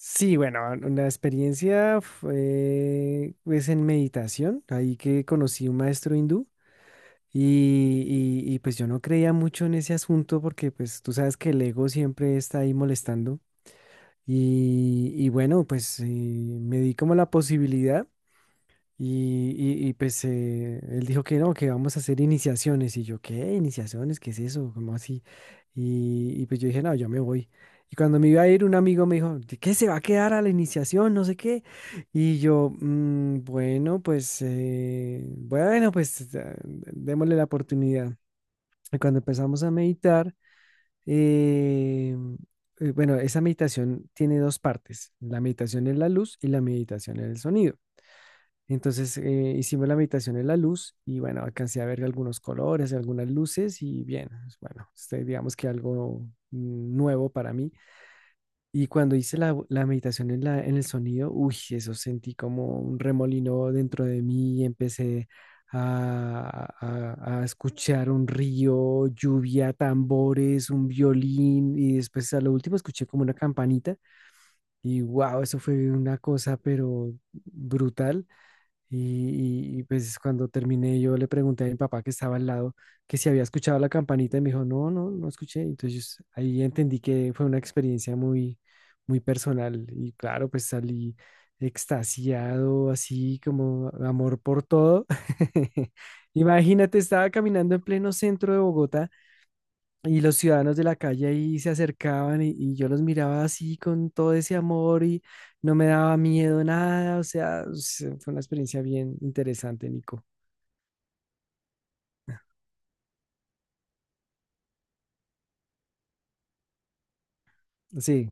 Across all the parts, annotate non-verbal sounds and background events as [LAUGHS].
Sí, bueno, la experiencia fue pues, en meditación, ahí que conocí un maestro hindú y, y, pues yo no creía mucho en ese asunto porque pues tú sabes que el ego siempre está ahí molestando y bueno, pues me di como la posibilidad. Y, y, pues él dijo que no, que vamos a hacer iniciaciones. Y yo, ¿qué? ¿Iniciaciones? ¿Qué es eso? ¿Cómo así? Y pues yo dije, no, yo me voy. Y cuando me iba a ir, un amigo me dijo, "¿De ¿qué se va a quedar a la iniciación? No sé qué. Y yo, bueno, pues démosle la oportunidad. Y cuando empezamos a meditar, eh, bueno, esa meditación tiene dos partes, la meditación en la luz y la meditación en el sonido. Entonces hicimos la meditación en la luz y bueno, alcancé a ver algunos colores, algunas luces y bien, pues, bueno, este, digamos que algo nuevo para mí. Y cuando hice la meditación en en el sonido, uy, eso sentí como un remolino dentro de mí y empecé a escuchar un río, lluvia, tambores, un violín y después a lo último escuché como una campanita y wow, eso fue una cosa pero brutal. Y, pues cuando terminé yo le pregunté a mi papá que estaba al lado que si había escuchado la campanita y me dijo, no, no, no escuché. Entonces ahí entendí que fue una experiencia muy, muy personal y claro, pues salí extasiado, así como amor por todo. [LAUGHS] Imagínate, estaba caminando en pleno centro de Bogotá y los ciudadanos de la calle ahí se acercaban y yo los miraba así con todo ese amor y no me daba miedo nada. O sea, fue una experiencia bien interesante, Nico. Sí.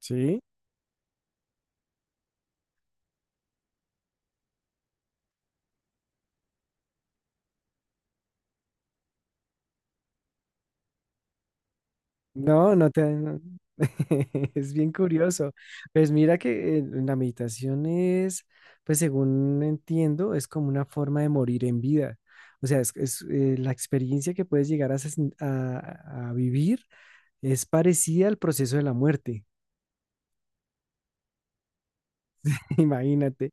¿Sí? No. [LAUGHS] Es bien curioso. Pues mira que la meditación es, pues según entiendo, es como una forma de morir en vida. O sea, es, la experiencia que puedes llegar a, sen- a vivir es parecida al proceso de la muerte. [LAUGHS] Imagínate.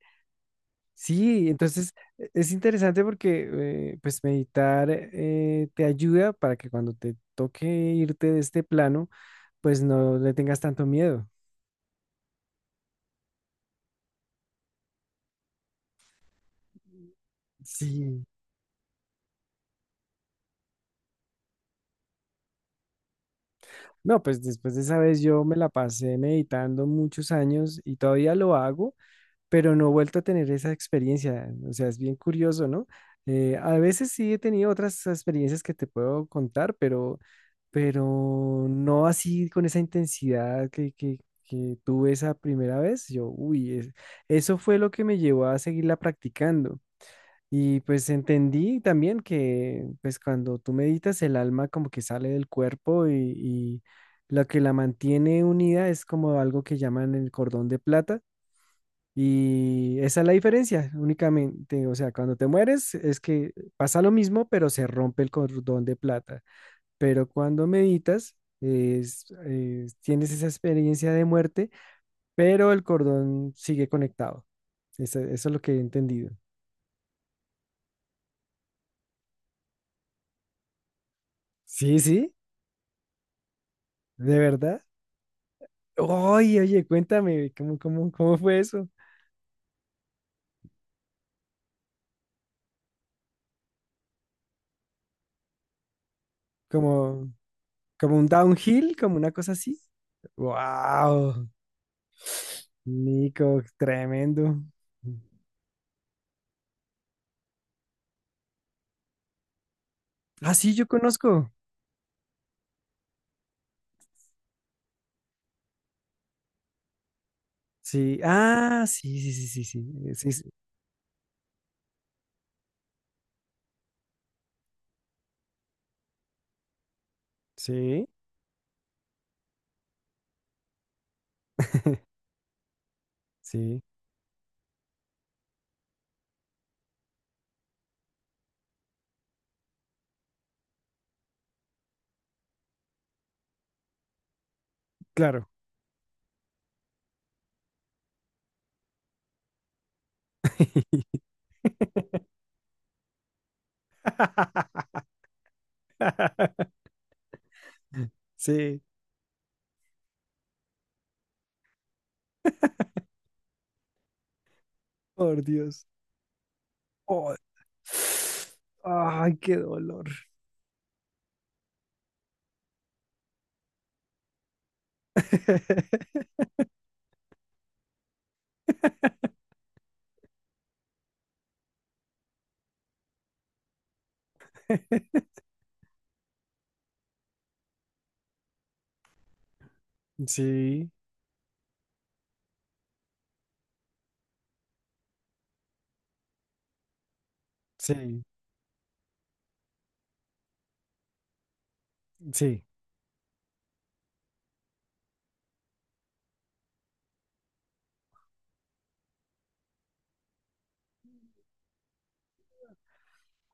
Sí, entonces es interesante porque pues meditar te ayuda para que cuando te toque irte de este plano, pues no le tengas tanto miedo. Sí. No, pues después de esa vez yo me la pasé meditando muchos años y todavía lo hago, pero no he vuelto a tener esa experiencia. O sea, es bien curioso, ¿no? A veces sí he tenido otras experiencias que te puedo contar, pero no así con esa intensidad que tuve esa primera vez. Yo, uy, eso fue lo que me llevó a seguirla practicando. Y pues entendí también que pues cuando tú meditas el alma como que sale del cuerpo y lo que la mantiene unida es como algo que llaman el cordón de plata y esa es la diferencia, únicamente, o sea, cuando te mueres es que pasa lo mismo, pero se rompe el cordón de plata. Pero cuando meditas, tienes esa experiencia de muerte, pero el cordón sigue conectado. Eso es lo que he entendido. Sí, sí, de verdad. Oye, oye, cuéntame, ¿cómo fue eso? ¿Como, como un downhill, como una cosa así? ¡Wow! Nico, tremendo. Ah, sí, yo conozco. Sí, ah, sí, sí, sí, sí, sí, sí, sí, sí, [LAUGHS] sí, claro. [LAUGHS] Sí, por Dios. Oh, ay, qué dolor. [LAUGHS] Sí, sí, sí.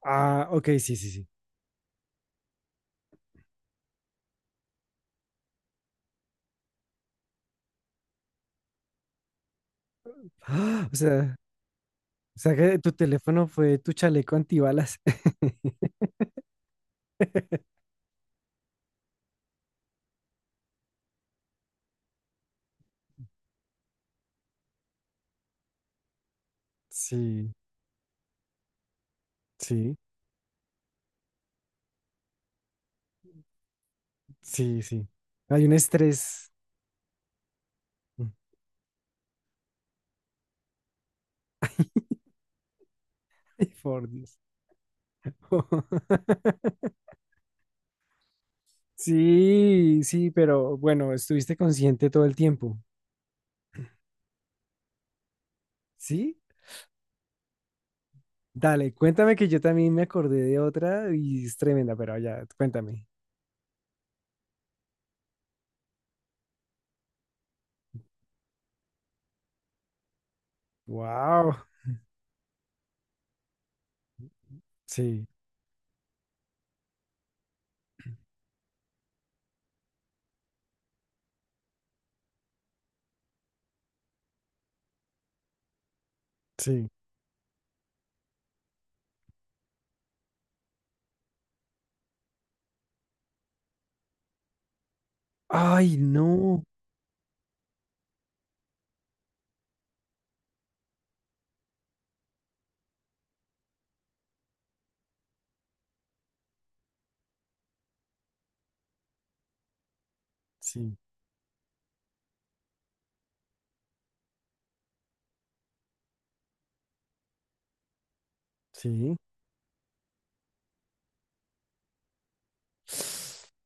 Ah, ok, sí, sí, sí. [GASPS] Ah, o sea que tu teléfono fue tu chaleco antibalas. [LAUGHS] Sí, sí, sí, sí. Hay un estrés. [LAUGHS] Ay, por Dios. [LAUGHS] Sí, sí, pero bueno, estuviste consciente todo el tiempo. ¿Sí? Dale, cuéntame que yo también me acordé de otra y es tremenda, pero ya, cuéntame. Wow. Sí, sí. Ay, no. Sí, sí. [SNIFFS]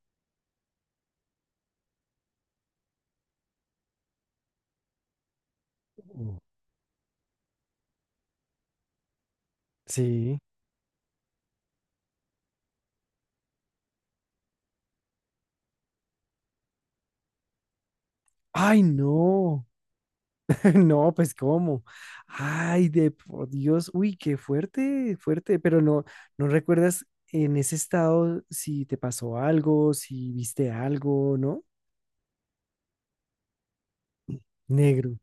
Uh, sí. Ay, no. No, pues cómo. Ay, de por Dios, uy, qué fuerte, fuerte, pero no, no recuerdas en ese estado si te pasó algo, si viste algo, ¿no? Negro,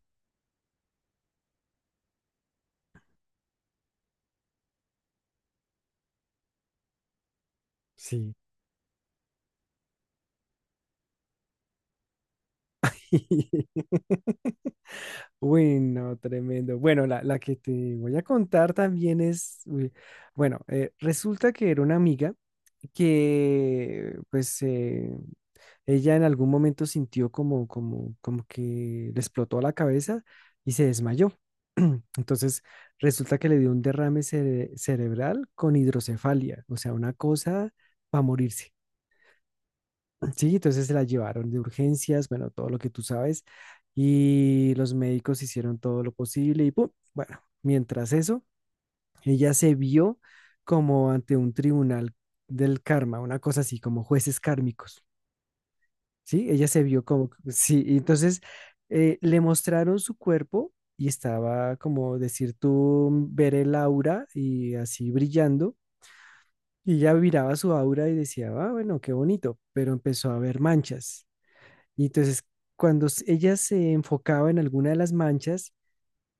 sí. [LAUGHS] Uy, no, tremendo. Bueno, la que te voy a contar también es, uy, bueno, resulta que era una amiga que, pues, ella en algún momento sintió como que le explotó la cabeza y se desmayó. [CLEARS THROAT] Entonces resulta que le dio un derrame cerebral con hidrocefalia, o sea, una cosa para morirse. [CLEARS THROAT] Sí, entonces se la llevaron de urgencias, bueno, todo lo que tú sabes, y los médicos hicieron todo lo posible y ¡pum! Bueno, mientras eso, ella se vio como ante un tribunal del karma, una cosa así, como jueces kármicos. Sí, ella se vio como, sí, y entonces le mostraron su cuerpo y estaba como decir tú, ver el aura y así brillando. Y ella miraba su aura y decía, ah, bueno, qué bonito, pero empezó a ver manchas. Y entonces cuando ella se enfocaba en alguna de las manchas,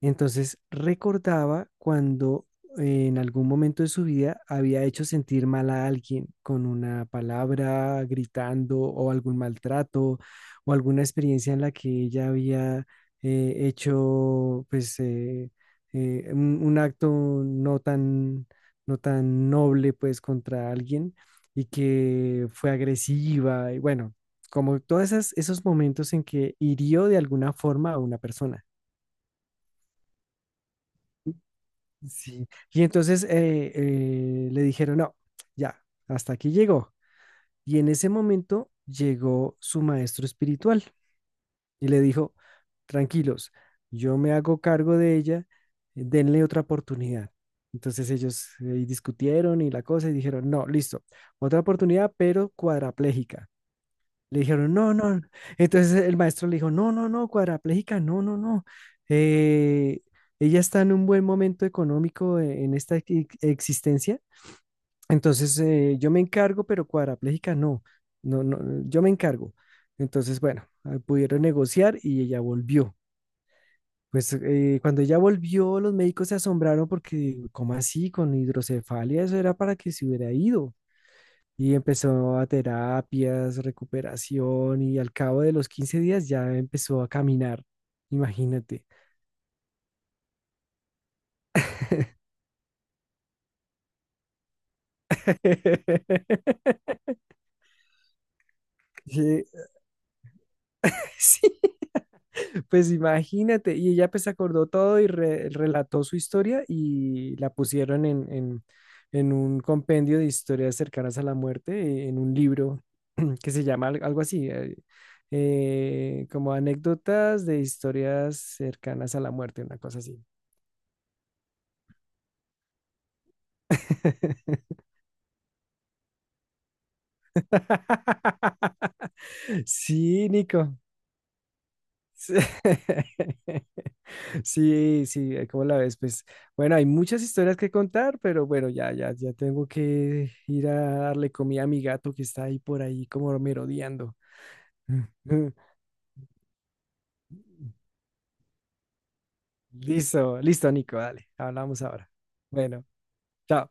entonces recordaba cuando en algún momento de su vida había hecho sentir mal a alguien con una palabra, gritando o algún maltrato o alguna experiencia en la que ella había hecho pues un acto no tan, no tan noble pues contra alguien y que fue agresiva y bueno, como todos esos momentos en que hirió de alguna forma a una persona. Sí. Y entonces le dijeron, no, ya, hasta aquí llegó. Y en ese momento llegó su maestro espiritual y le dijo, tranquilos, yo me hago cargo de ella, denle otra oportunidad. Entonces ellos discutieron y la cosa y dijeron, no, listo, otra oportunidad, pero cuadraplégica. Le dijeron, no, no. Entonces el maestro le dijo, no, no, no, cuadrapléjica no, no, no. Eh, Ella está en un buen momento económico en esta existencia. Entonces yo me encargo, pero cuadrapléjica no. No, no, yo me encargo. Entonces, bueno, ah, pudieron negociar y ella volvió. Pues cuando ella volvió, los médicos se asombraron porque, ¿cómo así? Con hidrocefalia, eso era para que se hubiera ido. Y empezó a terapias, recuperación y al cabo de los 15 días ya empezó a caminar. Imagínate. [LAUGHS] Sí, [LAUGHS] sí, pues imagínate. Y ella pues acordó todo y relató su historia y la pusieron en, un compendio de historias cercanas a la muerte, en un libro que se llama algo así, como anécdotas de historias cercanas a la muerte, una cosa así. [LAUGHS] Sí, Nico. Sí, [LAUGHS] sí, sí, ¿cómo la ves? Pues bueno, hay muchas historias que contar, pero bueno, ya, ya, ya tengo que ir a darle comida a mi gato que está ahí por ahí como merodeando. [LAUGHS] Listo, listo, Nico, dale, hablamos ahora. Bueno, chao.